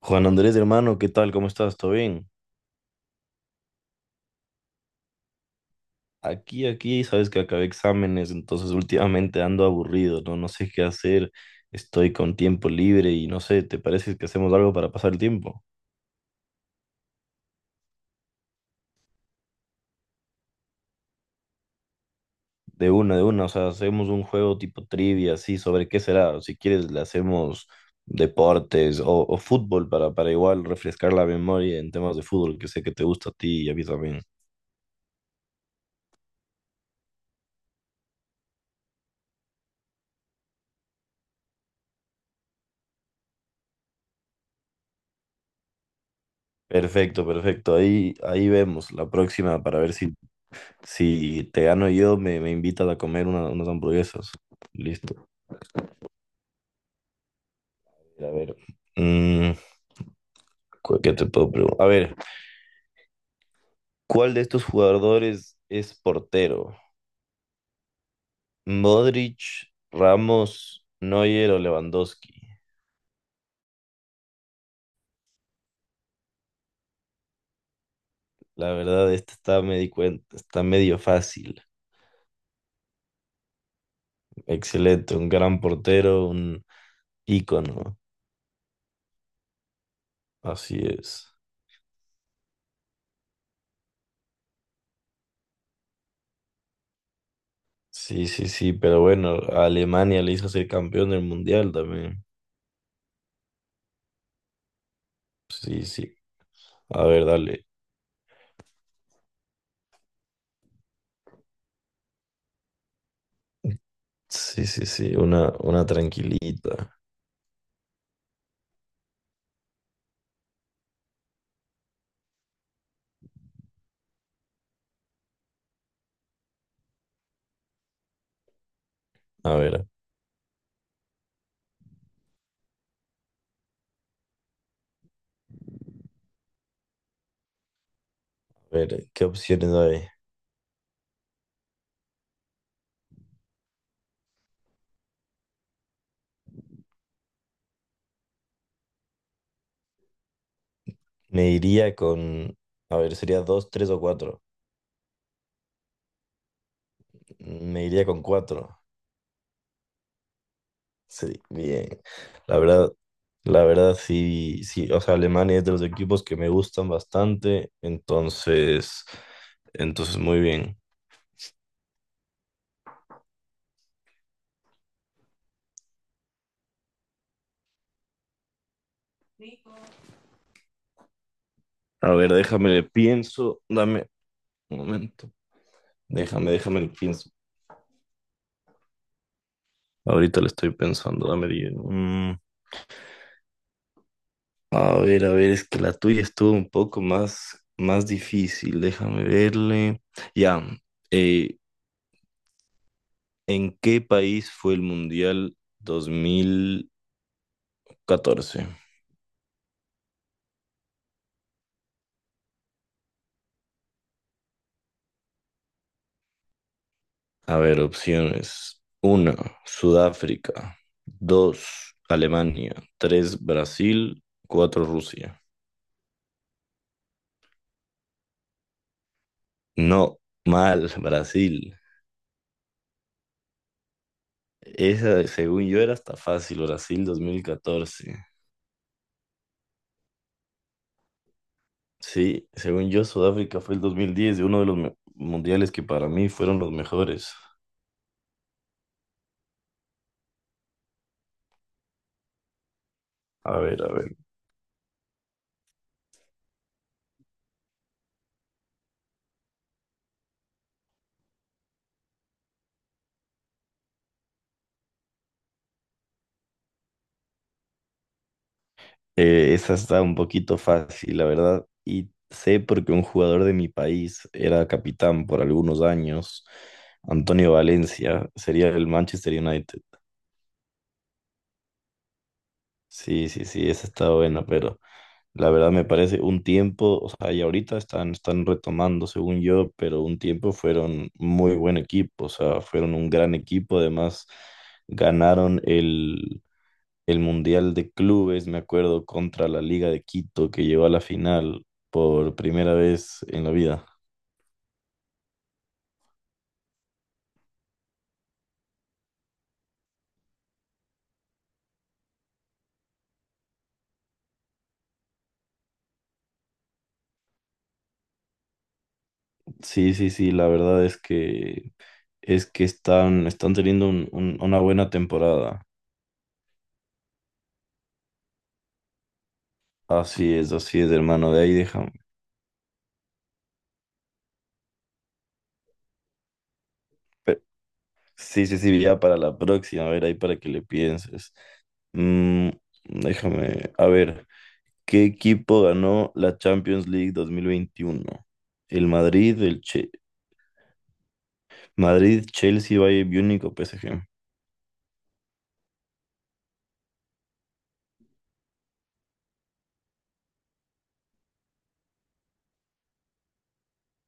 Juan Andrés, hermano, ¿qué tal? ¿Cómo estás? ¿Todo bien? Aquí, sabes que acabé exámenes, entonces últimamente ando aburrido, ¿no? No sé qué hacer, estoy con tiempo libre y no sé, ¿te parece que hacemos algo para pasar el tiempo? De una, o sea, hacemos un juego tipo trivia, así, sobre qué será. Si quieres, le hacemos deportes o fútbol para igual refrescar la memoria en temas de fútbol, que sé que te gusta a ti y a mí también. Perfecto, perfecto, ahí vemos la próxima para ver si si te gano yo, me invitas a comer unas hamburguesas. Listo. A ver. mm, ¿Qué te puedo preguntar? A ver, ¿cuál de estos jugadores es portero? ¿Modric, Ramos, Neuer o Lewandowski? La verdad, esta me di cuenta, está medio fácil. Excelente, un gran portero, un ícono. Así es. Sí, sí, sí, pero bueno, a Alemania le hizo ser campeón del mundial también. Sí, sí. A ver, dale. Sí, sí, sí, una tranquilita. A ver, ¿qué opciones hay? Me iría con, a ver, sería dos, tres o cuatro. Me iría con cuatro. Sí, bien. La verdad, la verdad, sí, sí. O sea, Alemania es de los equipos que me gustan bastante. Entonces, muy bien. A ver, déjame le pienso. Dame un momento. Déjame, le pienso. Ahorita le estoy pensando. Dame diez. Mm. A ver, es que la tuya estuvo un poco más difícil, déjame verle. Ya, eh, ¿en qué país fue el Mundial dos mil catorce? A ver, opciones. Uno, Sudáfrica. Dos, Alemania. Tres, Brasil. Cuatro, Rusia. No, mal, Brasil. Esa, según yo, era hasta fácil, Brasil 2014. Sí, según yo, Sudáfrica fue el dos mil diez, de uno de los mundiales que para mí fueron los mejores. A ver, a ver. Esa está un poquito fácil, la verdad. Y sé porque un jugador de mi país era capitán por algunos años, Antonio Valencia, sería el Manchester United. Sí, sí, sí, esa está buena. Pero la verdad me parece un tiempo, o sea, y ahorita están retomando, según yo, pero un tiempo fueron muy buen equipo, o sea, fueron un gran equipo, además ganaron el Mundial de Clubes, me acuerdo, contra la Liga de Quito, que llegó a la final por primera vez en la vida. Sí, sí, sí, la verdad es que están teniendo una buena temporada. Así es, hermano, de ahí déjame. Sí, sí, sí, ya para la próxima, a ver, ahí para que le pienses. Mm, déjame, a ver, ¿qué equipo ganó la Champions League dos mil veintiuno? ¿El Madrid, el Che- ¿Madrid, Chelsea, Bayern Múnich o PSG?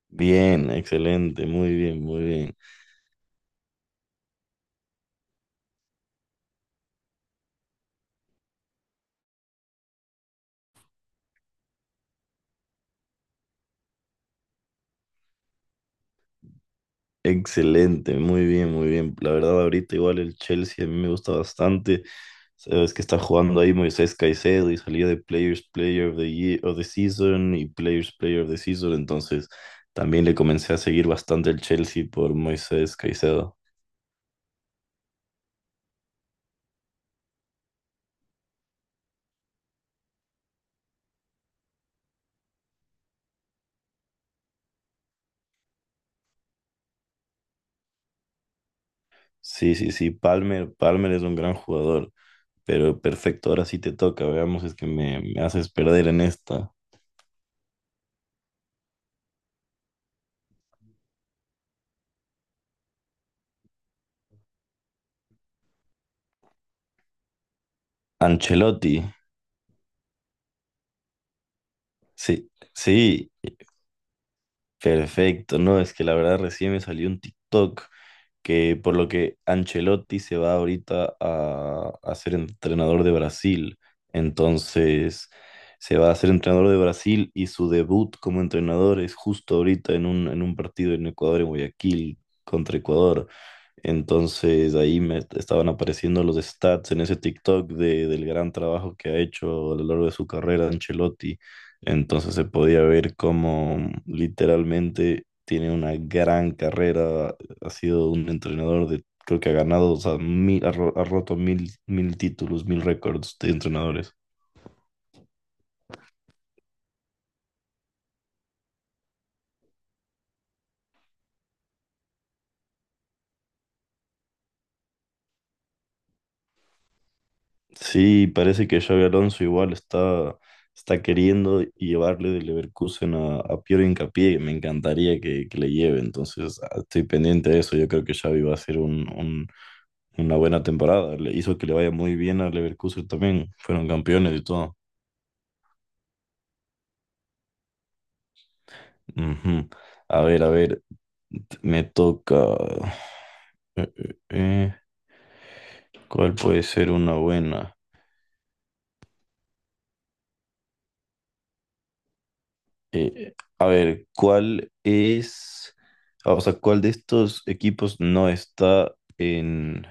Bien, excelente, muy bien, muy bien. Excelente, muy bien, muy bien. La verdad, ahorita igual el Chelsea a mí me gusta bastante. Sabes que está jugando ahí Moisés Caicedo y salía de Players Player of the Year, of the Season y Players Player of the Season. Entonces, también le comencé a seguir bastante el Chelsea por Moisés Caicedo. Sí, sí, sí. Palmer es un gran jugador, pero perfecto. Ahora sí te toca. Veamos, es que me haces perder en esta. Ancelotti. Sí, sí, perfecto. No, es que la verdad recién me salió un TikTok que, por lo que, Ancelotti se va ahorita a ser entrenador de Brasil. Entonces, se va a ser entrenador de Brasil y su debut como entrenador es justo ahorita en en un partido en Ecuador, en Guayaquil, contra Ecuador. Entonces, ahí me estaban apareciendo los stats en ese TikTok del gran trabajo que ha hecho a lo largo de su carrera Ancelotti, entonces se podía ver cómo literalmente tiene una gran carrera, ha sido un entrenador de, creo que ha ganado, o sea, ha roto mil títulos, mil récords de entrenadores. Sí, parece que Xabi Alonso igual está, está queriendo llevarle de Leverkusen a Piero Hincapié. Me encantaría que le lleve, entonces ah, estoy pendiente de eso. Yo creo que Xavi va a hacer una buena temporada. Le hizo que le vaya muy bien a Leverkusen también. Fueron campeones y todo. Ujú. A ver, me toca... eh, eh, eh, ¿cuál puede ser una buena? A ver, ¿cuál es, ah, o sea, ¿cuál de estos equipos no está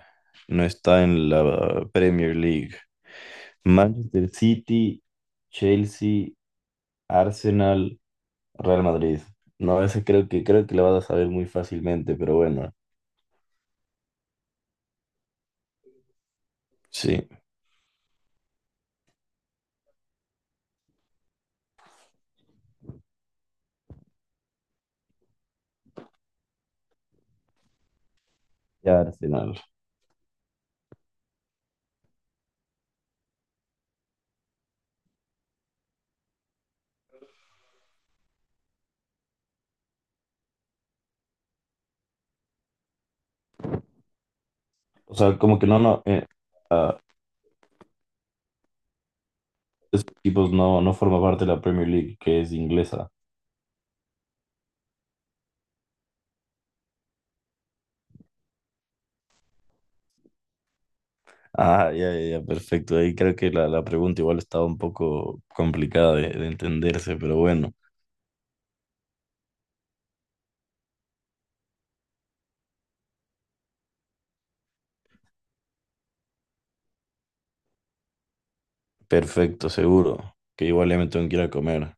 no está en la Premier League? Manchester City, Chelsea, Arsenal, Real Madrid. No, ese creo que, creo que la vas a saber muy fácilmente, pero bueno, sí, ya Arsenal. O sea, como que ah, esos equipos no, no forman parte de la Premier League, que es inglesa. Ah, ya, ya, ya, perfecto. Ahí creo que la pregunta igual estaba un poco complicada de entenderse, pero bueno, perfecto, seguro. Que igual ya me tengo que ir a comer.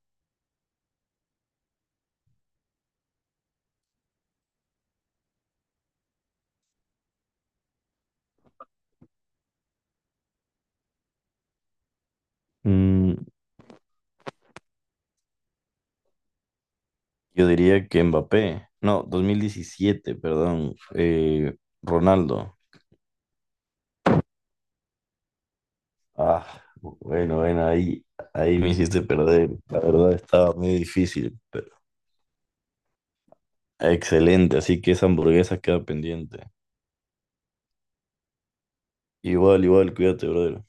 Mm, yo diría que Mbappé, no, 2017, perdón, Ronaldo. Ah, bueno, bueno, ahí me hiciste perder. La verdad estaba muy difícil, pero excelente. Así que esa hamburguesa queda pendiente. Igual, igual, cuídate, brother.